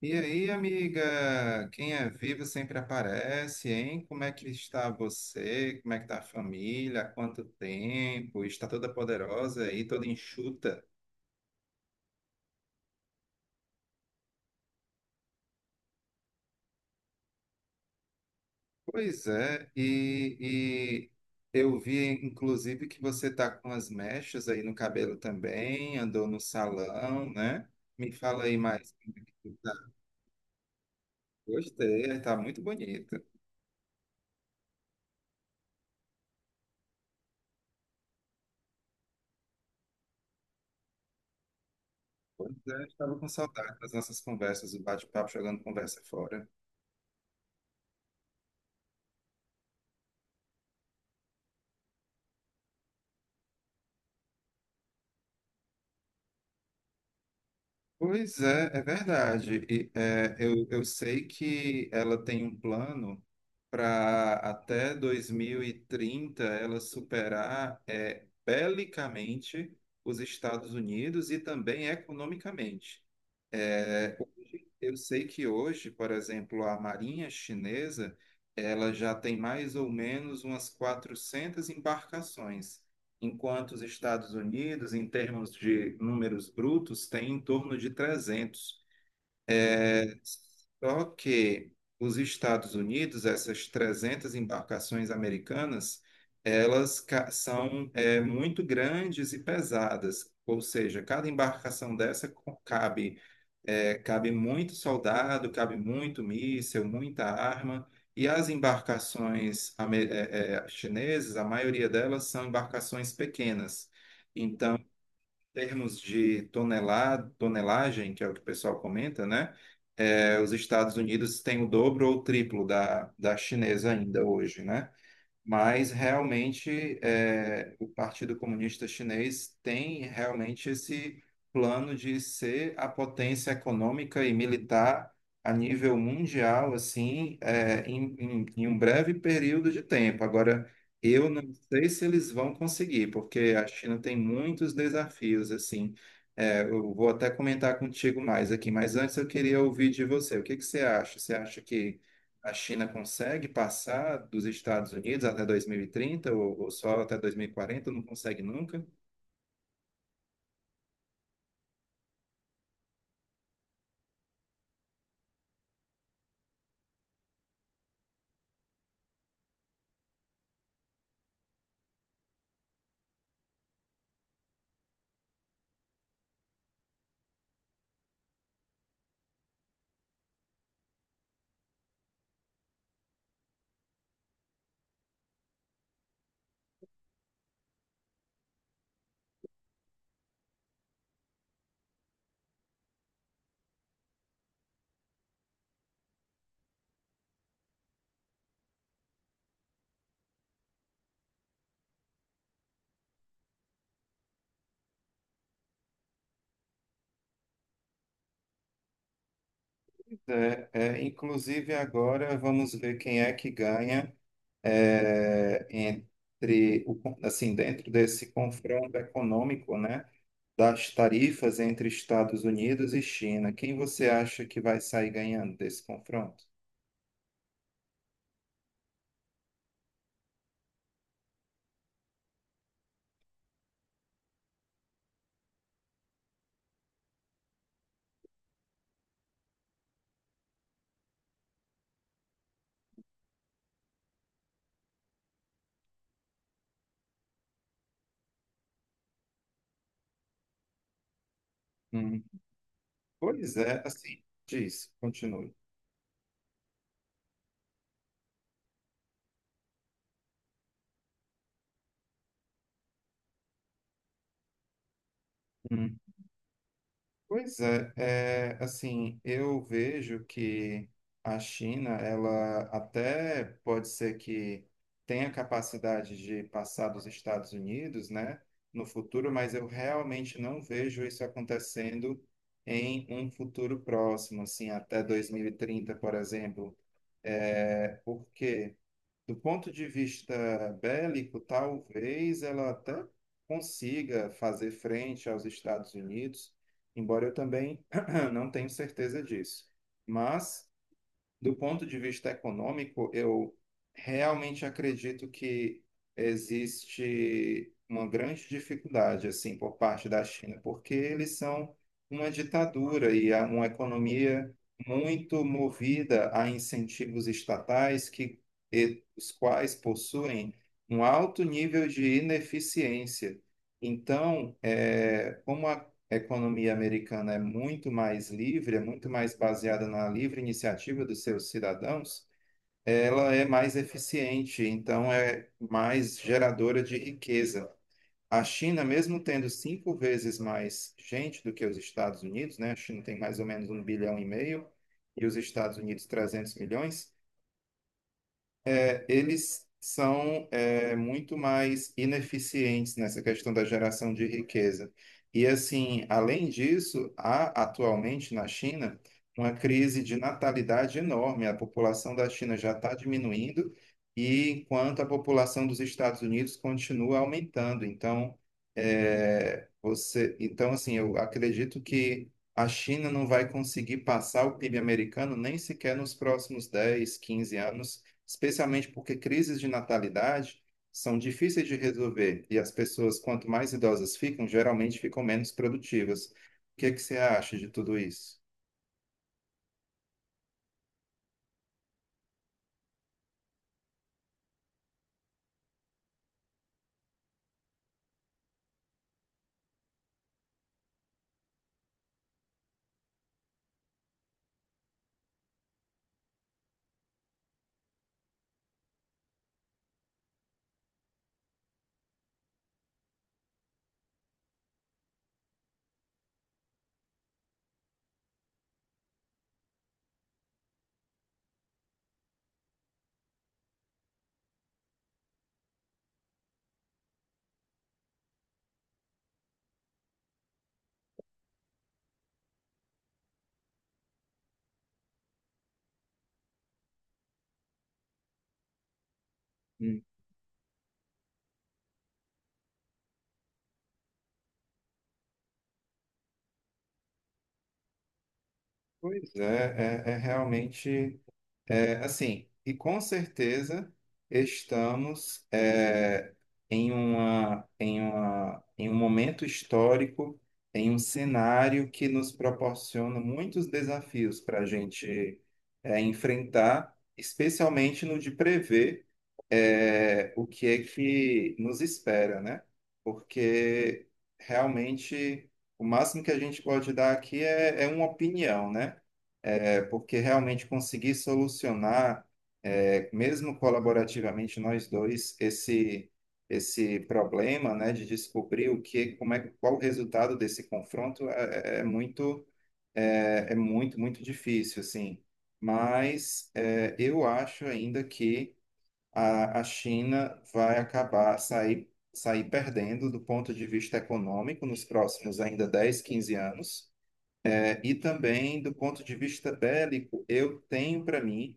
E aí, amiga? Quem é vivo sempre aparece, hein? Como é que está você? Como é que está a família? Há quanto tempo? Está toda poderosa aí, toda enxuta? Pois é, e eu vi, inclusive, que você está com as mechas aí no cabelo também, andou no salão, né? Me fala aí mais como é que tu tá. Gostei, está muito bonito. Pois é, estava com saudade das nossas conversas, o bate-papo jogando conversa fora. Pois é, é verdade. E, é, eu sei que ela tem um plano para até 2030 ela superar belicamente os Estados Unidos e também economicamente. É, hoje, eu sei que hoje, por exemplo, a Marinha Chinesa, ela já tem mais ou menos umas 400 embarcações, enquanto os Estados Unidos, em termos de números brutos, tem em torno de 300. Só que os Estados Unidos, essas 300 embarcações americanas, são muito grandes e pesadas, ou seja, cada embarcação dessa co- cabe, cabe muito soldado, cabe muito míssil, muita arma, e as embarcações chinesas, a maioria delas são embarcações pequenas. Então, termos de tonelada, tonelagem, que é o que o pessoal comenta, né? É, os Estados Unidos têm o dobro ou o triplo da chinesa ainda hoje, né? Mas realmente o Partido Comunista Chinês tem realmente esse plano de ser a potência econômica e militar a nível mundial, assim, em um breve período de tempo. Agora, eu não sei se eles vão conseguir, porque a China tem muitos desafios, assim. É, eu vou até comentar contigo mais aqui, mas antes eu queria ouvir de você. O que que você acha? Você acha que a China consegue passar dos Estados Unidos até 2030 ou só até 2040? Não consegue nunca? Inclusive, agora vamos ver quem é que ganha entre o, assim, dentro desse confronto econômico, né, das tarifas entre Estados Unidos e China. Quem você acha que vai sair ganhando desse confronto? Hum. Pois é, assim, diz, continue. Pois é, assim, eu vejo que a China, ela até pode ser que tenha capacidade de passar dos Estados Unidos, né, no futuro, mas eu realmente não vejo isso acontecendo em um futuro próximo, assim, até 2030, por exemplo. Por quê? Do ponto de vista bélico, talvez ela até consiga fazer frente aos Estados Unidos, embora eu também não tenha certeza disso. Mas do ponto de vista econômico, eu realmente acredito que existe uma grande dificuldade assim por parte da China, porque eles são uma ditadura e há uma economia muito movida a incentivos estatais que os quais possuem um alto nível de ineficiência. Então, como a economia americana é muito mais livre, é muito mais baseada na livre iniciativa dos seus cidadãos, ela é mais eficiente, então é mais geradora de riqueza. A China, mesmo tendo 5 vezes mais gente do que os Estados Unidos, né? A China tem mais ou menos 1,5 bilhão e os Estados Unidos 300 milhões, eles são muito mais ineficientes nessa questão da geração de riqueza. E assim, além disso, há atualmente na China uma crise de natalidade enorme. A população da China já está diminuindo, e enquanto a população dos Estados Unidos continua aumentando. Então, eu acredito que a China não vai conseguir passar o PIB americano nem sequer nos próximos 10 15 anos, especialmente porque crises de natalidade são difíceis de resolver e as pessoas, quanto mais idosas ficam, geralmente ficam menos produtivas. O que é que você acha de tudo isso? Hum. Pois é, é realmente. Assim, e com certeza estamos em um momento histórico, em um cenário que nos proporciona muitos desafios para a gente enfrentar, especialmente no de prever o que é que nos espera, né? Porque realmente o máximo que a gente pode dar aqui é uma opinião, né? Porque realmente conseguir solucionar, mesmo colaborativamente nós dois, esse problema, né, de descobrir o que, como é, qual o resultado desse confronto é muito difícil, assim. Mas eu acho ainda que a China vai acabar sair perdendo do ponto de vista econômico nos próximos ainda 10, 15 anos e também, do ponto de vista bélico, eu tenho para mim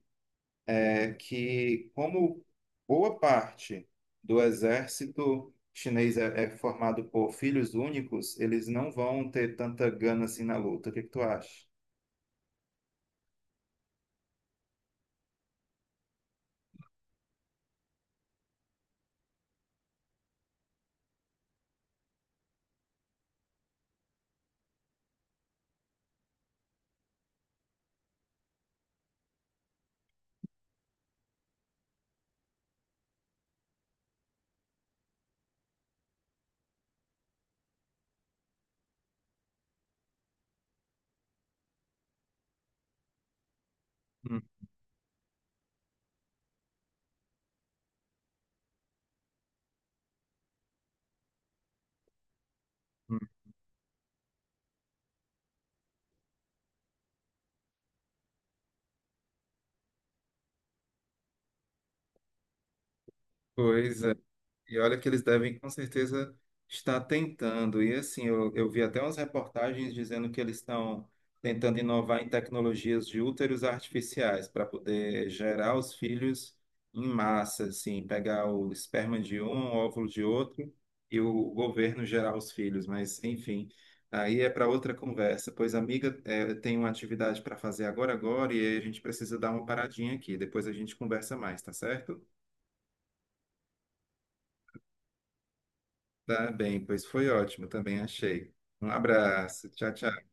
é que, como boa parte do exército chinês é formado por filhos únicos, eles não vão ter tanta gana assim na luta. O que que tu acha? Hum, hum. Pois e olha que eles devem com certeza estar tentando. E assim, eu vi até umas reportagens dizendo que eles estão tentando inovar em tecnologias de úteros artificiais para poder gerar os filhos em massa, assim, pegar o esperma de um, o óvulo de outro e o governo gerar os filhos. Mas, enfim, aí é para outra conversa. Pois, amiga, eu tenho uma atividade para fazer agora, e aí a gente precisa dar uma paradinha aqui. Depois a gente conversa mais, tá certo? Tá bem, pois foi ótimo, também achei. Um abraço, tchau, tchau.